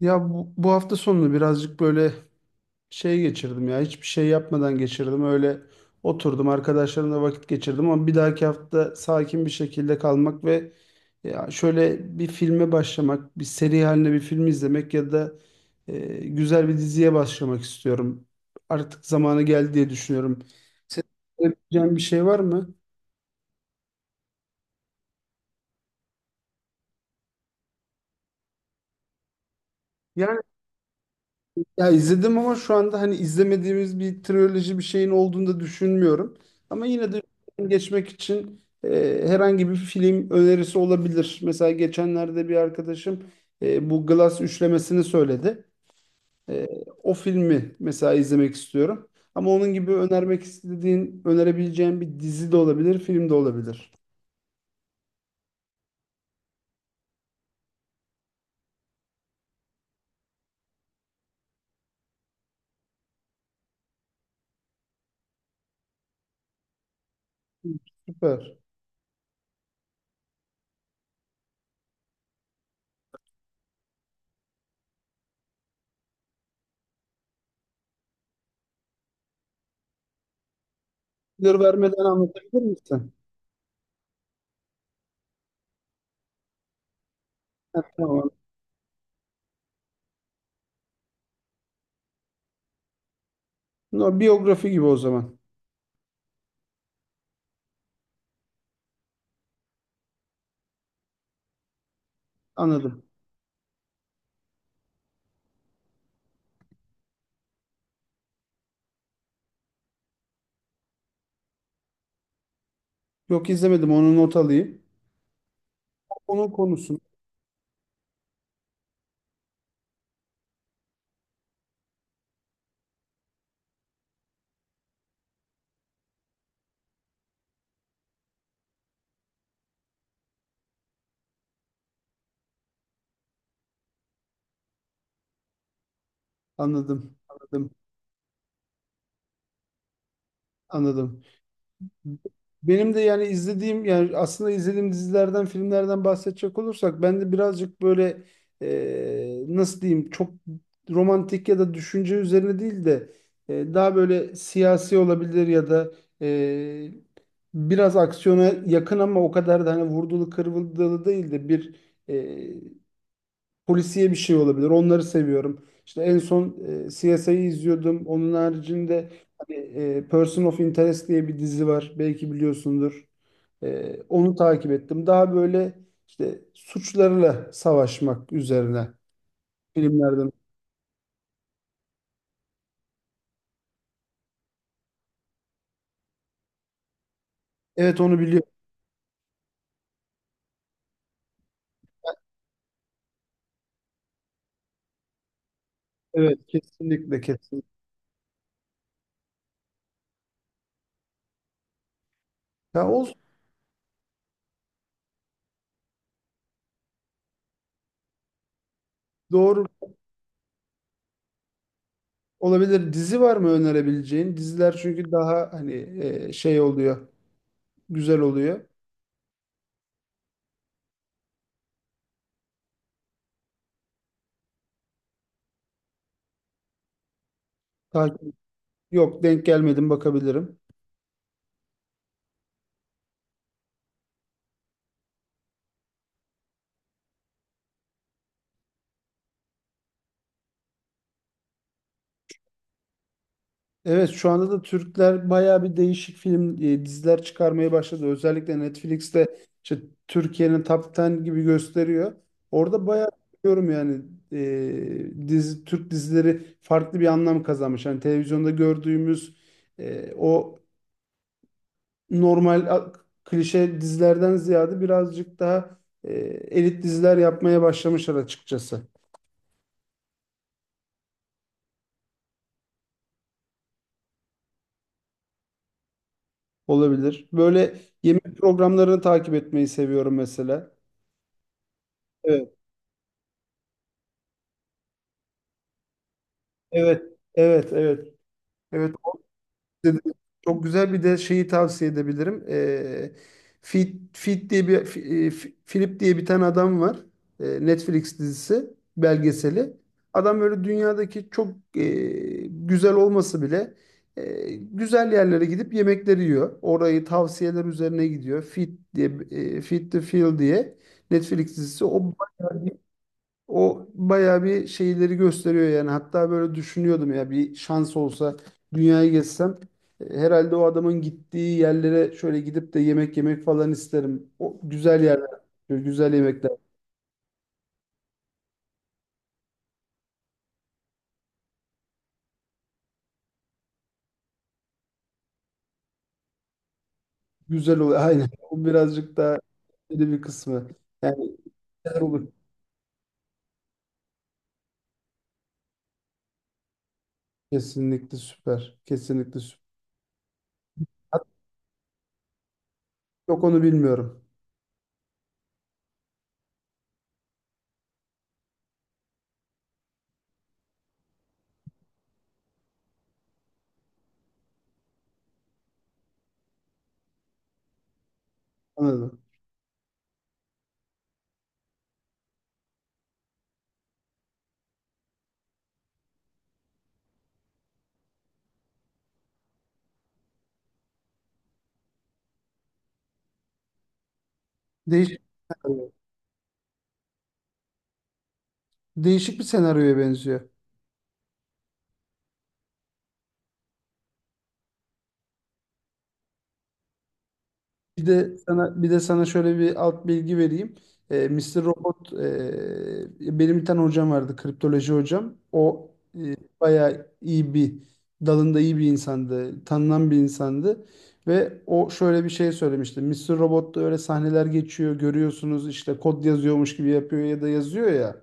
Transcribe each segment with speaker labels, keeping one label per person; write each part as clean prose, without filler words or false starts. Speaker 1: Ya bu hafta sonunu birazcık böyle şey geçirdim ya. Hiçbir şey yapmadan geçirdim. Öyle oturdum arkadaşlarımla vakit geçirdim ama bir dahaki hafta sakin bir şekilde kalmak ve ya şöyle bir filme başlamak, bir seri halinde bir film izlemek ya da güzel bir diziye başlamak istiyorum. Artık zamanı geldi diye düşünüyorum. Senin yapabileceğin bir şey var mı? Yani. Ya izledim ama şu anda hani izlemediğimiz bir triyoloji bir şeyin olduğunu da düşünmüyorum. Ama yine de geçmek için herhangi bir film önerisi olabilir. Mesela geçenlerde bir arkadaşım bu Glass üçlemesini söyledi. E, O filmi mesela izlemek istiyorum. Ama onun gibi önermek istediğin, önerebileceğin bir dizi de olabilir, film de olabilir. Süper. Spoiler vermeden anlatabilir misin? Ha, tamam. No, biyografi gibi o zaman. Anladım. Yok, izlemedim, onu not alayım. Onun konusunu anladım, anladım, anladım. Benim de yani izlediğim yani aslında izlediğim dizilerden, filmlerden bahsedecek olursak ben de birazcık böyle, nasıl diyeyim, çok romantik ya da düşünce üzerine değil de daha böyle siyasi olabilir ya da e, biraz aksiyona yakın ama o kadar da hani vurdulu kırıldılı değil de bir e, polisiye bir şey olabilir. Onları seviyorum. İşte en son CSI'yi izliyordum. Onun haricinde hani, Person of Interest diye bir dizi var. Belki biliyorsundur. Onu takip ettim. Daha böyle işte suçlarla savaşmak üzerine filmlerden. Evet, onu biliyorum. Evet, kesinlikle kesinlikle. Ya olsun. Doğru olabilir. Dizi var mı önerebileceğin? Diziler çünkü daha hani şey oluyor. Güzel oluyor. Takip- Yok, denk gelmedim, bakabilirim. Evet, şu anda da Türkler bayağı bir değişik film diziler çıkarmaya başladı. Özellikle Netflix'te işte Türkiye'nin Top 10 gibi gösteriyor. Orada bayağı diyorum yani e, dizi Türk dizileri farklı bir anlam kazanmış. Yani televizyonda gördüğümüz o normal klişe dizilerden ziyade birazcık daha e, elit diziler yapmaya başlamışlar açıkçası. Olabilir. Böyle yemek programlarını takip etmeyi seviyorum mesela. Evet, evet, evet. Evet, dedi. Çok güzel, bir de şeyi tavsiye edebilirim. Fit, Fit diye bir Fi- Philip diye bir tane adam var. Netflix dizisi, belgeseli. Adam böyle dünyadaki çok e, güzel olması bile güzel yerlere gidip yemekleri yiyor. Orayı tavsiyeler üzerine gidiyor. Fit diye, Fit the Feel diye Netflix dizisi. O bayağı bir şeyleri gösteriyor yani. Hatta böyle düşünüyordum ya, bir şans olsa dünyayı gezsem herhalde o adamın gittiği yerlere şöyle gidip de yemek yemek falan isterim. O güzel yerler, böyle güzel yemekler, güzel oluyor. Aynen. O birazcık daha öyle bir kısmı. Yani güzel olur. Kesinlikle süper. Kesinlikle süper. Hatta yok, onu bilmiyorum. Anladım. Değişik, değişik bir senaryoya benziyor. Bir de sana şöyle bir alt bilgi vereyim. Mr. Robot, benim bir tane hocam vardı, kriptoloji hocam. O bayağı iyi bir, dalında iyi bir insandı, tanınan bir insandı ve o şöyle bir şey söylemişti. Mr. Robot'ta öyle sahneler geçiyor, görüyorsunuz işte kod yazıyormuş gibi yapıyor ya da yazıyor ya,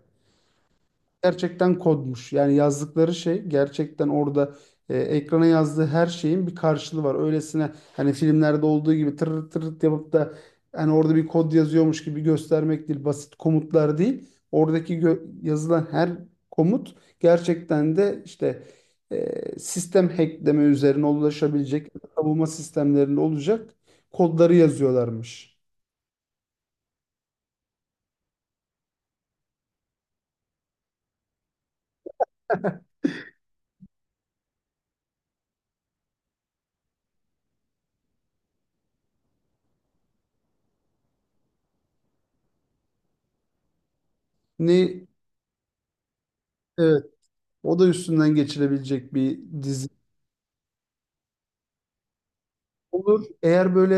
Speaker 1: gerçekten kodmuş. Yani yazdıkları şey gerçekten orada, ekrana yazdığı her şeyin bir karşılığı var. Öylesine hani filmlerde olduğu gibi tır tır yapıp da hani orada bir kod yazıyormuş gibi göstermek değil, basit komutlar değil. Oradaki yazılan her komut gerçekten de işte sistem hackleme üzerine ulaşabilecek, savunma sistemlerinde olacak kodları yazıyorlarmış. Ne evet, o da üstünden geçilebilecek bir dizi. Olur. Eğer böyle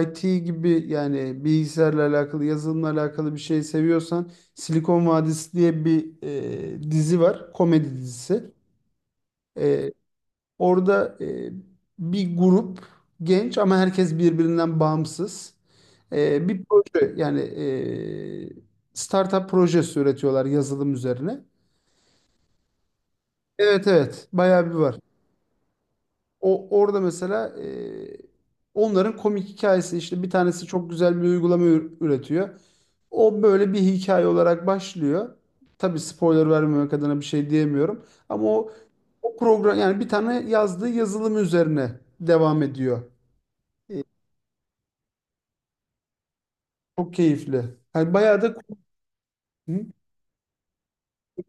Speaker 1: IT gibi, yani bilgisayarla alakalı, yazılımla alakalı bir şey seviyorsan Silikon Vadisi diye bir dizi var. Komedi dizisi. E, Orada bir grup genç ama herkes birbirinden bağımsız. Bir proje, yani startup projesi üretiyorlar yazılım üzerine. Evet, evet, bayağı bir var. O orada mesela, onların komik hikayesi, işte bir tanesi çok güzel bir uygulama üretiyor. O böyle bir hikaye olarak başlıyor. Tabii spoiler vermemek adına bir şey diyemiyorum. Ama o program, yani bir tane yazdığı yazılım üzerine devam ediyor. Çok keyifli. Yani bayağı da. Hı?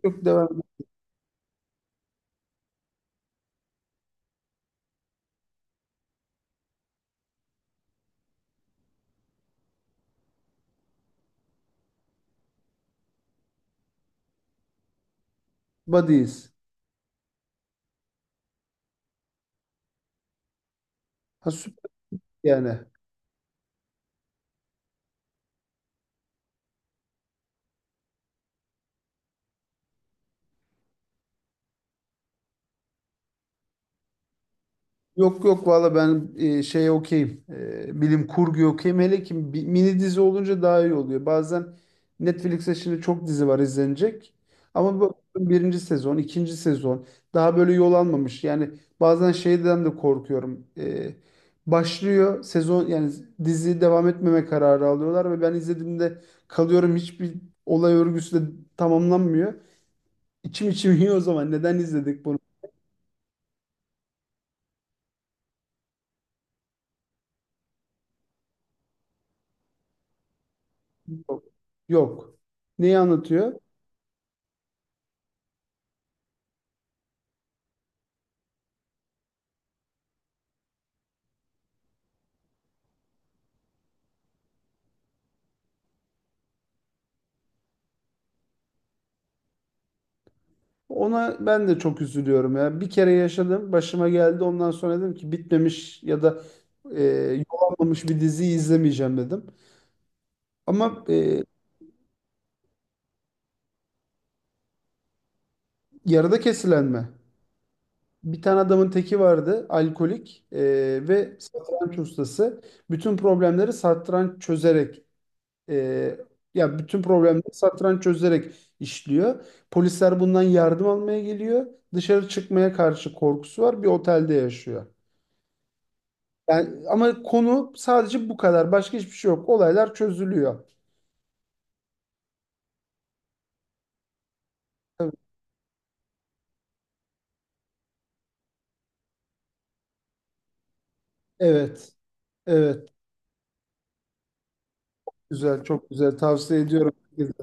Speaker 1: Çok devam. Buddies. Ha, süper yani. Yok yok, valla ben şey okeyim. Bilim kurgu okeyim. Hele ki mini dizi olunca daha iyi oluyor. Bazen Netflix'te şimdi çok dizi var izlenecek. Ama bu birinci sezon, ikinci sezon daha böyle yol almamış. Yani bazen şeyden de korkuyorum. Başlıyor sezon, yani dizi devam etmeme kararı alıyorlar ve ben izlediğimde kalıyorum, hiçbir olay örgüsü de tamamlanmıyor. İçim içim yiyor, o zaman neden izledik bunu? Yok. Neyi anlatıyor? Ona ben de çok üzülüyorum ya. Bir kere yaşadım, başıma geldi. Ondan sonra dedim ki bitmemiş ya da e, yol almamış bir diziyi izlemeyeceğim dedim. Ama yarıda kesilenme. Bir tane adamın teki vardı, alkolik ve satranç ustası. Bütün problemleri satranç çözerek, e, Bütün problemleri satranç çözerek işliyor. Polisler bundan yardım almaya geliyor. Dışarı çıkmaya karşı korkusu var. Bir otelde yaşıyor. Yani ama konu sadece bu kadar. Başka hiçbir şey yok. Olaylar çözülüyor. Tabii. Evet. Evet. Güzel. Çok güzel. Tavsiye ediyorum herkese.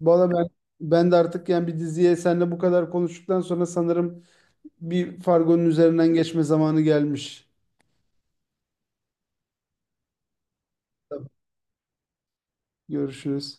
Speaker 1: Valla ben de artık yani bir diziye seninle bu kadar konuştuktan sonra sanırım bir Fargo'nun üzerinden geçme zamanı gelmiş. Tabii. Görüşürüz.